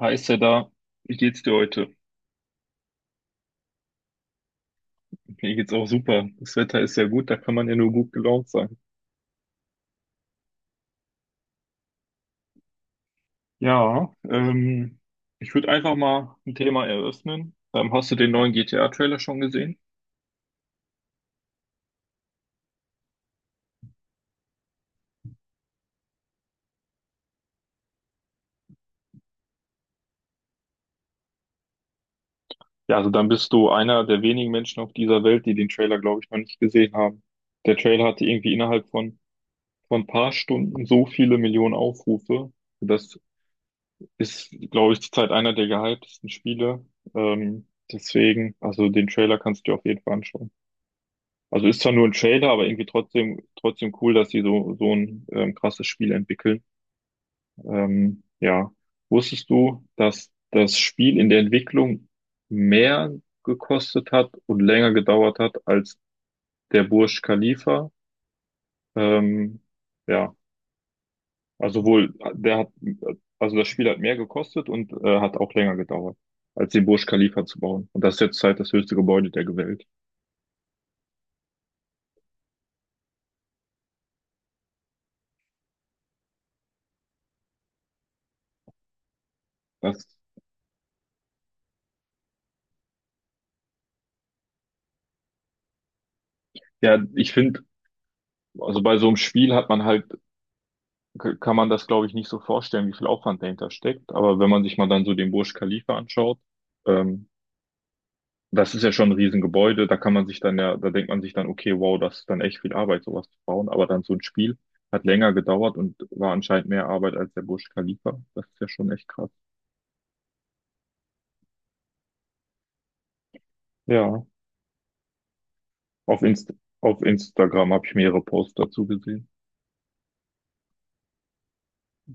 Heißt ja da, wie geht's dir heute? Mir geht's auch super. Das Wetter ist sehr gut, da kann man ja nur gut gelaunt sein. Ja, ich würde einfach mal ein Thema eröffnen. Hast du den neuen GTA-Trailer schon gesehen? Ja, also dann bist du einer der wenigen Menschen auf dieser Welt, die den Trailer, glaube ich, noch nicht gesehen haben. Der Trailer hatte irgendwie innerhalb von ein paar Stunden so viele Millionen Aufrufe. Das ist, glaube ich, zurzeit einer der gehyptesten Spiele. Ähm, Deswegen, also den Trailer kannst du dir auf jeden Fall anschauen. Also ist zwar nur ein Trailer, aber irgendwie trotzdem cool, dass sie so ein krasses Spiel entwickeln. Ja. Wusstest du, dass das Spiel in der Entwicklung mehr gekostet hat und länger gedauert hat als der Burj Khalifa? Ähm, ja, also wohl, also das Spiel hat mehr gekostet und hat auch länger gedauert, als den Burj Khalifa zu bauen. Und das ist jetzt halt das höchste Gebäude der Welt. Das, ja, ich finde, also bei so einem Spiel hat man halt kann man das, glaube ich, nicht so vorstellen, wie viel Aufwand dahinter steckt. Aber wenn man sich mal dann so den Burj Khalifa anschaut, ähm, das ist ja schon ein Riesengebäude, da kann man sich dann ja, da denkt man sich dann, okay, wow, das ist dann echt viel Arbeit, sowas zu bauen. Aber dann so ein Spiel hat länger gedauert und war anscheinend mehr Arbeit als der Burj Khalifa. Das ist ja schon echt krass. Ja, auf Inst auf Instagram habe ich mehrere Posts dazu gesehen.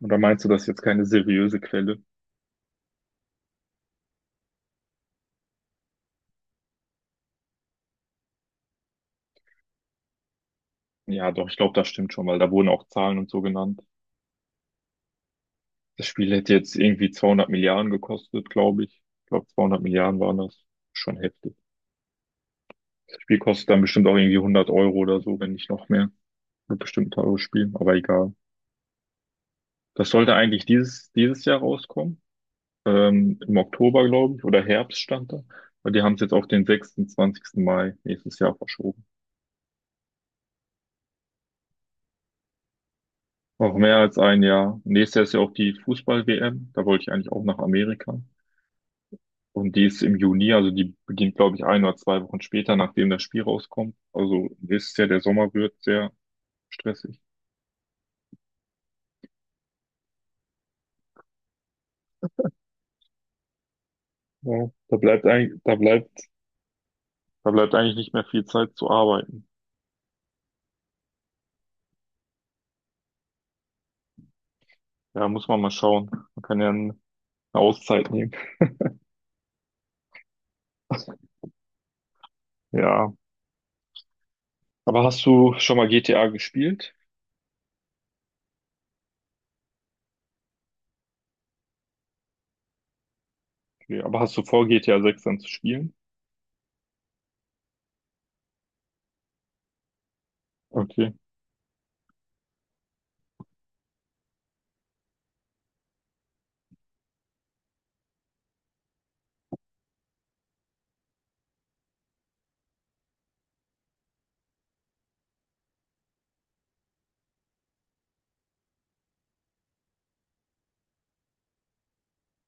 Oder meinst du, das ist jetzt keine seriöse Quelle? Ja, doch, ich glaube, das stimmt schon, weil da wurden auch Zahlen und so genannt. Das Spiel hätte jetzt irgendwie 200 Milliarden gekostet, glaube ich. Ich glaube, 200 Milliarden waren das. Schon heftig. Das Spiel kostet dann bestimmt auch irgendwie 100 Euro oder so, wenn nicht noch mehr. Wird bestimmt ein teures Spiel, aber egal. Das sollte eigentlich dieses Jahr rauskommen. Im Oktober, glaube ich, oder Herbst stand da. Aber die haben es jetzt auf den 26. Mai nächstes Jahr verschoben. Auch mehr als ein Jahr. Nächstes Jahr ist ja auch die Fußball-WM. Da wollte ich eigentlich auch nach Amerika. Und die ist im Juni, also die beginnt, glaube ich, ein oder zwei Wochen später, nachdem das Spiel rauskommt. Also ihr wisst ja, der Sommer wird sehr stressig. Ja, da bleibt eigentlich nicht mehr viel Zeit zu arbeiten. Ja, muss man mal schauen. Man kann ja eine Auszeit nehmen. Ja, aber hast du schon mal GTA gespielt? Okay, aber hast du vor, GTA 6 dann zu spielen? Okay.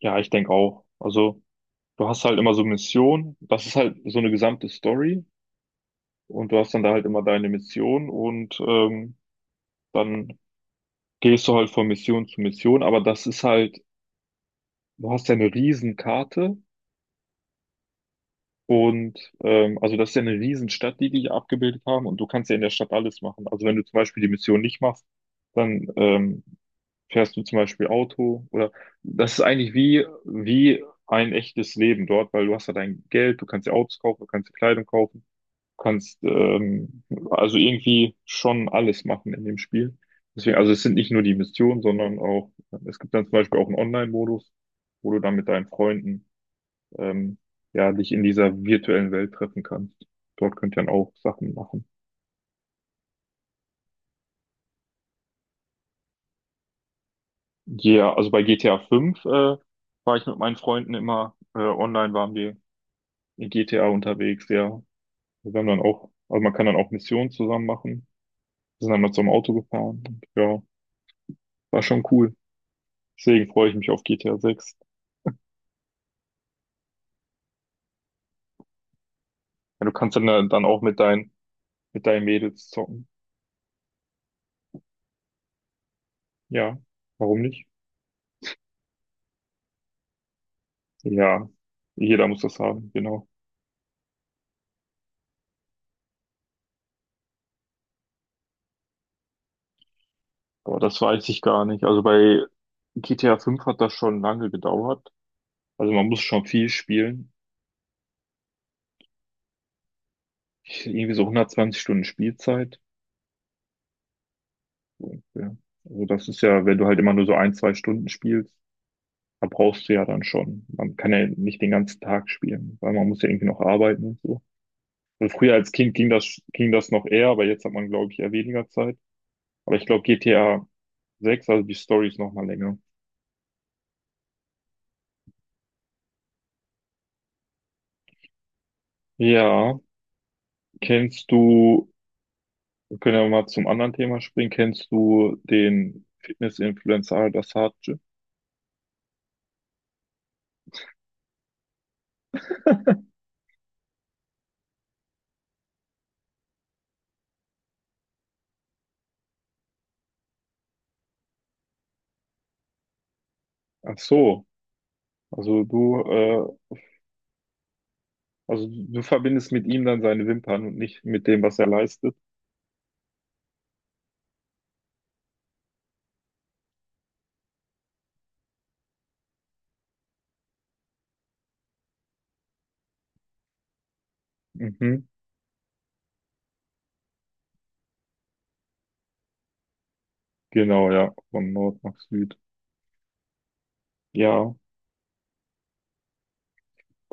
Ja, ich denke auch. Also, du hast halt immer so Missionen. Das ist halt so eine gesamte Story. Und du hast dann da halt immer deine Mission und dann gehst du halt von Mission zu Mission, aber das ist halt, du hast ja eine Riesenkarte und also das ist ja eine Riesenstadt, die die hier abgebildet haben und du kannst ja in der Stadt alles machen. Also wenn du zum Beispiel die Mission nicht machst, dann fährst du zum Beispiel Auto oder das ist eigentlich wie ein echtes Leben dort, weil du hast ja dein Geld, du kannst dir Autos kaufen, du kannst dir Kleidung kaufen. Kannst also irgendwie schon alles machen in dem Spiel. Deswegen, also es sind nicht nur die Missionen, sondern auch, es gibt dann zum Beispiel auch einen Online-Modus, wo du dann mit deinen Freunden ähm, ja dich in dieser virtuellen Welt treffen kannst. Dort könnt ihr dann auch Sachen machen. Ja, also bei GTA 5 war ich mit meinen Freunden immer online, waren wir in GTA unterwegs, ja. Wir haben dann auch, also man kann dann auch Missionen zusammen machen. Wir sind dann mal zum Auto gefahren. Und, ja, war schon cool. Deswegen freue ich mich auf GTA 6. Ja, du kannst dann, dann auch mit deinen Mädels zocken. Ja, warum nicht? Ja, jeder muss das haben, genau. Aber das weiß ich gar nicht. Also bei GTA 5 hat das schon lange gedauert. Also man muss schon viel spielen. Irgendwie so 120 Stunden Spielzeit. So, ja. Also das ist ja, wenn du halt immer nur so ein, zwei Stunden spielst, da brauchst du ja dann schon. Man kann ja nicht den ganzen Tag spielen, weil man muss ja irgendwie noch arbeiten und so. Also früher als Kind ging das noch eher, aber jetzt hat man, glaube ich, eher weniger Zeit. Aber ich glaube, GTA 6, also die Story ist noch mal länger. Ja, kennst du, wir können ja mal zum anderen Thema springen, kennst du den Fitness-Influencer Al-Dassaadje? Ach so, also du, äh, also du verbindest mit ihm dann seine Wimpern und nicht mit dem, was er leistet. Mhm. Genau, ja, von Nord nach Süd. Ja,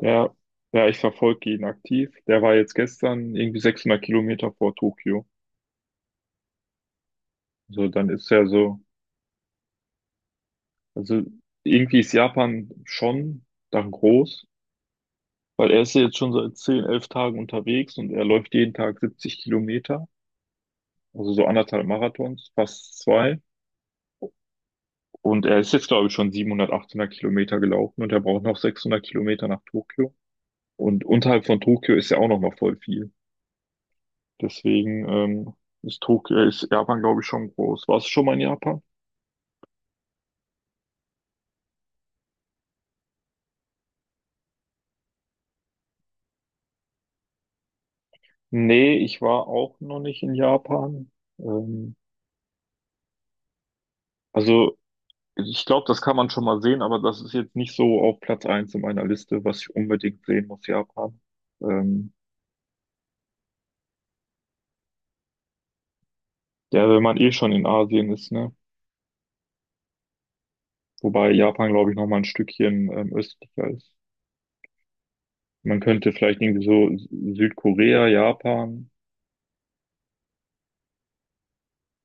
der, ja, ich verfolge ihn aktiv. Der war jetzt gestern irgendwie 600 Kilometer vor Tokio. So, dann ist ja so, also irgendwie ist Japan schon dann groß, weil er ist ja jetzt schon seit 10 11 Tagen unterwegs und er läuft jeden Tag 70 Kilometer, also so anderthalb Marathons, fast zwei. Und er ist jetzt, glaube ich, schon 700, 800 Kilometer gelaufen und er braucht noch 600 Kilometer nach Tokio. Und unterhalb von Tokio ist ja auch noch mal voll viel. Deswegen ist Tokio, ist Japan, glaube ich, schon groß. Warst du schon mal in Japan? Nee, ich war auch noch nicht in Japan. Ähm, also ich glaube, das kann man schon mal sehen, aber das ist jetzt nicht so auf Platz eins in meiner Liste, was ich unbedingt sehen muss, Japan. Ähm, ja, wenn man eh schon in Asien ist, ne? Wobei Japan, glaube ich, noch mal ein Stückchen östlicher ist. Man könnte vielleicht irgendwie so Südkorea, Japan,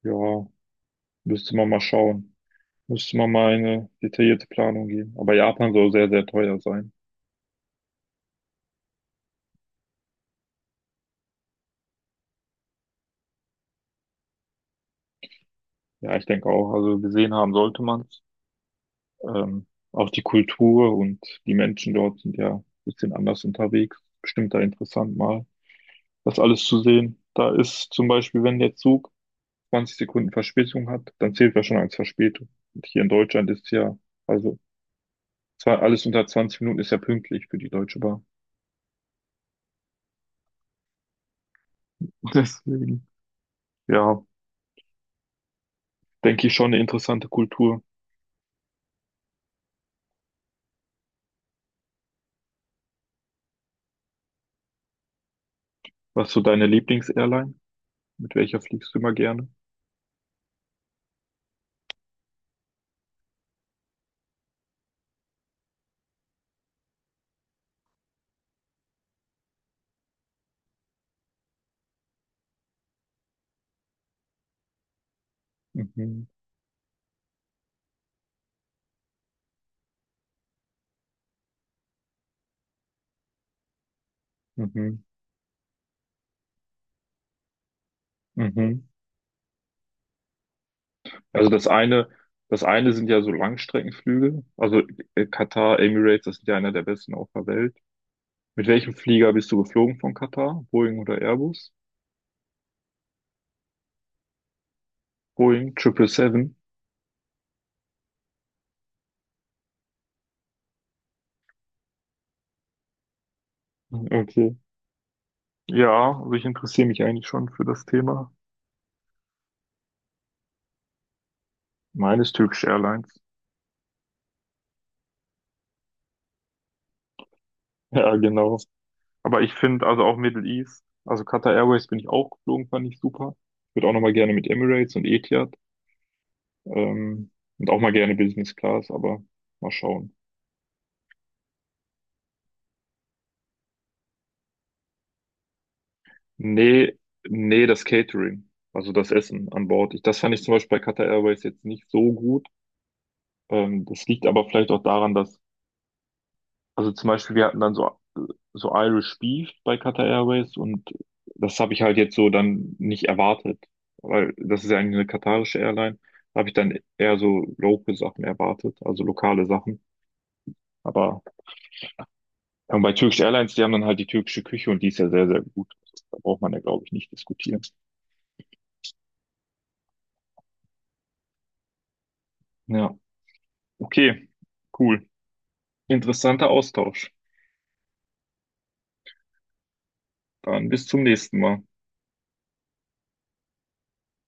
ja, müsste man mal schauen. Müsste man mal eine detaillierte Planung geben. Aber Japan soll sehr, sehr teuer sein. Ja, ich denke auch. Also gesehen haben sollte man. Auch die Kultur und die Menschen dort sind ja ein bisschen anders unterwegs. Bestimmt da interessant mal, das alles zu sehen. Da ist zum Beispiel, wenn der Zug 20 Sekunden Verspätung hat, dann zählt er schon als Verspätung. Und hier in Deutschland ist ja, also zwar alles unter 20 Minuten ist ja pünktlich für die Deutsche Bahn. Deswegen, ja, denke ich schon eine interessante Kultur. Was ist so deine Lieblingsairline? Mit welcher fliegst du immer gerne? Mhm, mhm, mhm. Mhm. Also das eine sind ja so Langstreckenflüge. Also Katar, Emirates, das sind ja einer der besten auf der Welt. Mit welchem Flieger bist du geflogen von Katar? Boeing oder Airbus? Boeing 777. Okay. Ja, also ich interessiere mich eigentlich schon für das Thema. Meines Turkish Airlines. Ja, genau. Aber ich finde, also auch Middle East, also Qatar Airways bin ich auch geflogen, fand ich super. Würde auch nochmal gerne mit Emirates und Etihad, ähm, und auch mal gerne Business Class, aber mal schauen. Nee, nee, das Catering, also das Essen an Bord. Ich, das fand ich zum Beispiel bei Qatar Airways jetzt nicht so gut. Das liegt aber vielleicht auch daran, dass, also zum Beispiel, wir hatten dann so, so Irish Beef bei Qatar Airways und das habe ich halt jetzt so dann nicht erwartet, weil das ist ja eigentlich eine katarische Airline. Da habe ich dann eher so local Sachen erwartet, also lokale Sachen. Aber bei Turkish Airlines, die haben dann halt die türkische Küche und die ist ja sehr, sehr gut. Da braucht man ja, glaube ich, nicht diskutieren. Ja, okay, cool. Interessanter Austausch. Dann bis zum nächsten Mal.